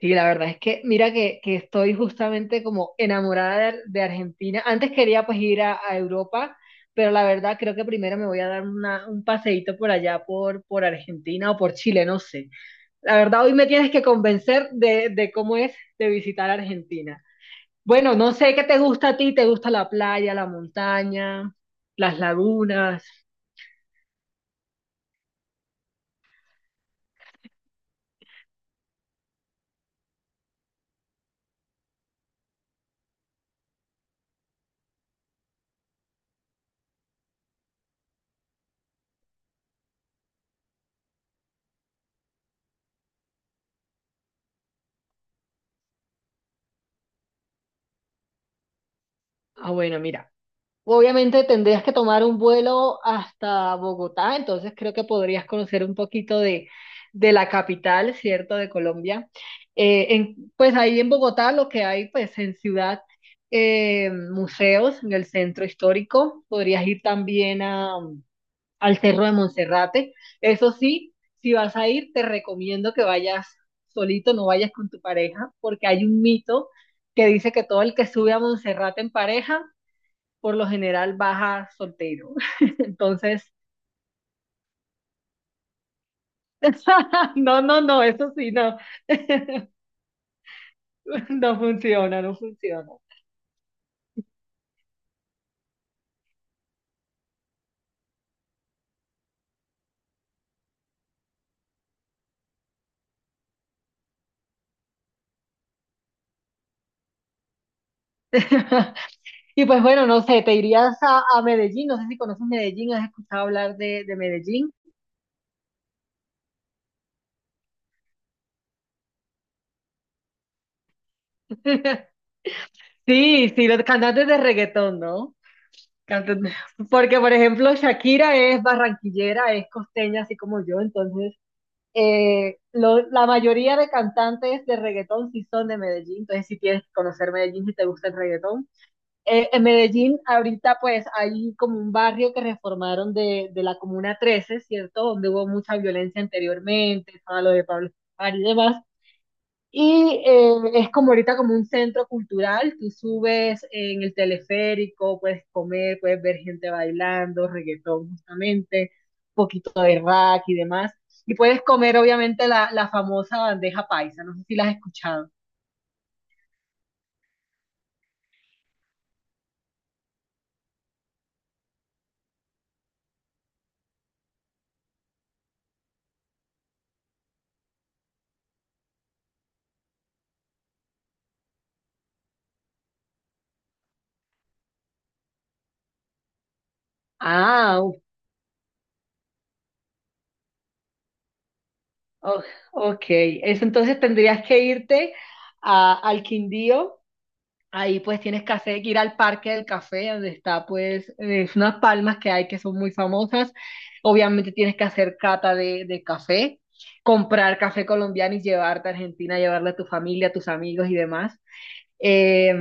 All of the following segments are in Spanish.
Sí, la verdad es que mira que estoy justamente como enamorada de Argentina. Antes quería pues ir a Europa, pero la verdad creo que primero me voy a dar un paseíto por allá por Argentina o por Chile, no sé. La verdad hoy me tienes que convencer de cómo es de visitar Argentina. Bueno, no sé qué te gusta a ti, te gusta la playa, la montaña, las lagunas. Ah, bueno, mira. Obviamente tendrías que tomar un vuelo hasta Bogotá, entonces creo que podrías conocer un poquito de la capital, ¿cierto?, de Colombia. Pues ahí en Bogotá lo que hay, pues en ciudad, museos, en el centro histórico, podrías ir también a, al Cerro de Monserrate. Eso sí, si vas a ir, te recomiendo que vayas solito, no vayas con tu pareja, porque hay un mito que dice que todo el que sube a Monserrate en pareja, por lo general baja soltero. Entonces, no, no, no, eso sí, no. No funciona, no funciona. Y pues bueno, no sé, te irías a Medellín, no sé si conoces Medellín, has escuchado hablar de Medellín. Sí, sí, los cantantes de reggaetón, ¿no? Cantantes- Porque, por ejemplo, Shakira es barranquillera, es costeña, así como yo, entonces la mayoría de cantantes de reggaetón sí son de Medellín, entonces si tienes que conocer Medellín si te gusta el reggaetón. En Medellín ahorita pues hay como un barrio que reformaron de la Comuna 13, ¿cierto? Donde hubo mucha violencia anteriormente, todo lo de Pablo Escobar y demás. Y es como ahorita como un centro cultural, tú subes en el teleférico, puedes comer, puedes ver gente bailando, reggaetón justamente, un poquito de rock y demás. Y puedes comer obviamente la famosa bandeja paisa, no sé si la has escuchado. Ah, oh, ok, eso entonces tendrías que irte al Quindío, ahí pues tienes que hacer, ir al Parque del Café, donde está pues unas palmas que hay que son muy famosas, obviamente tienes que hacer cata de café, comprar café colombiano y llevarte a Argentina, llevarle a tu familia, a tus amigos y demás. Eh,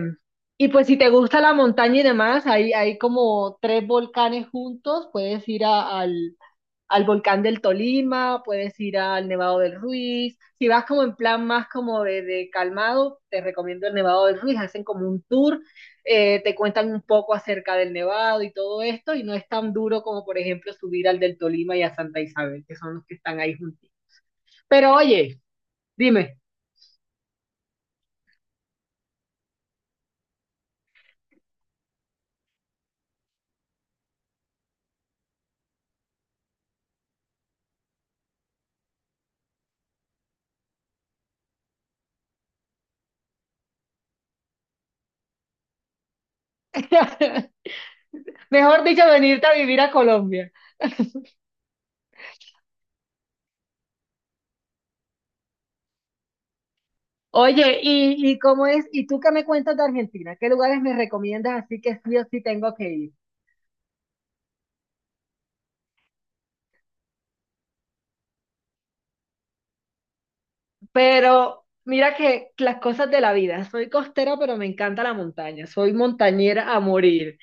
y pues si te gusta la montaña y demás, hay como tres volcanes juntos, puedes ir al volcán del Tolima, puedes ir al Nevado del Ruiz. Si vas como en plan más como de calmado, te recomiendo el Nevado del Ruiz. Hacen como un tour, te cuentan un poco acerca del Nevado y todo esto, y no es tan duro como, por ejemplo, subir al del Tolima y a Santa Isabel, que son los que están ahí juntitos. Pero oye, dime, mejor dicho, venirte a vivir a Colombia. Oye, y cómo es? ¿Y tú qué me cuentas de Argentina? ¿Qué lugares me recomiendas así que sí o sí tengo que ir? Pero mira que las cosas de la vida. Soy costera, pero me encanta la montaña. Soy montañera a morir.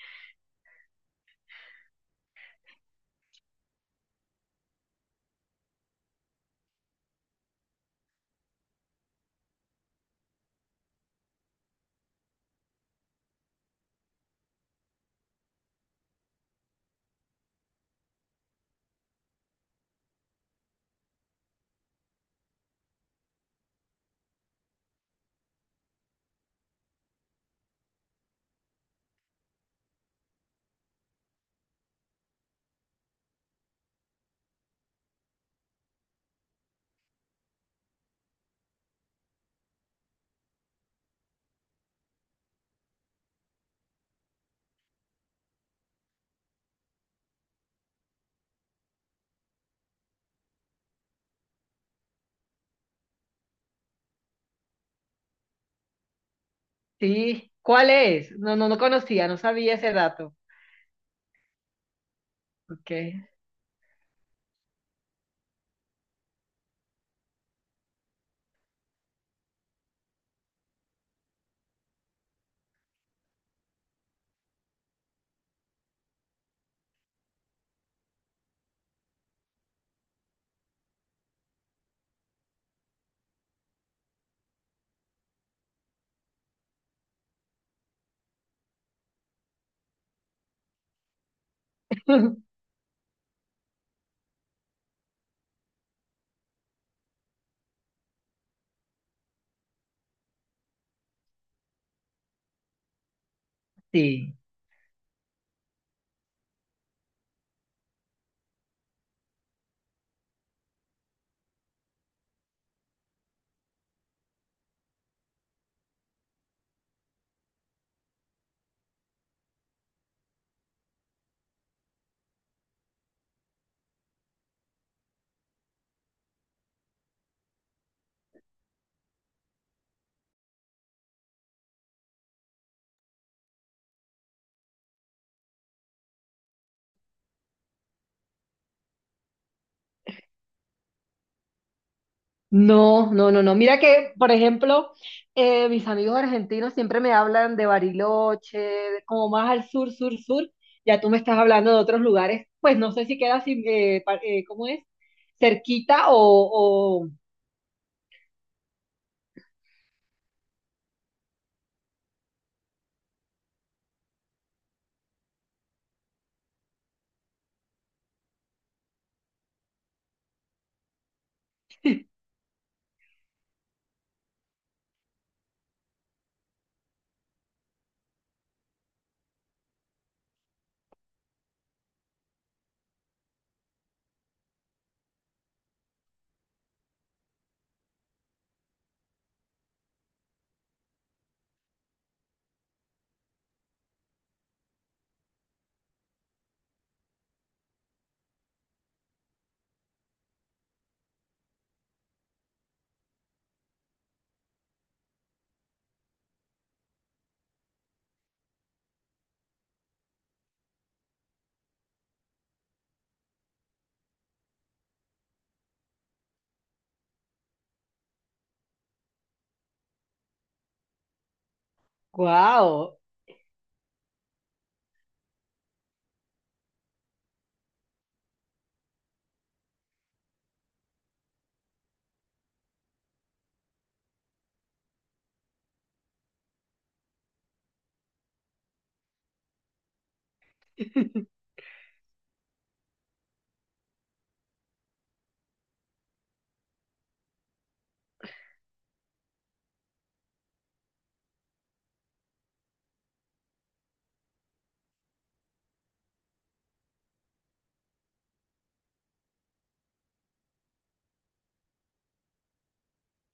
Sí. ¿Cuál es? No, no, no conocía, no sabía ese dato. Ok. Sí. No, no, no, no. Mira que, por ejemplo, mis amigos argentinos siempre me hablan de Bariloche, de como más al sur, sur, sur. Ya tú me estás hablando de otros lugares. Pues no sé si queda, sin, ¿cómo es? Cerquita o... ¡Wow!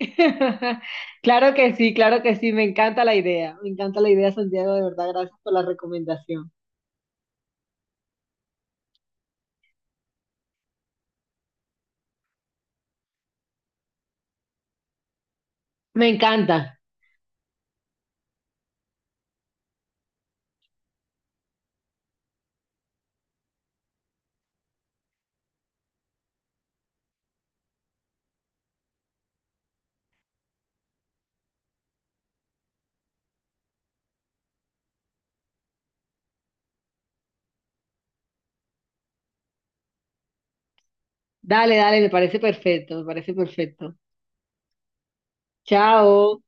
Claro que sí, me encanta la idea, me encanta la idea, Santiago, de verdad, gracias por la recomendación. Me encanta. Dale, dale, me parece perfecto, me parece perfecto. Chao.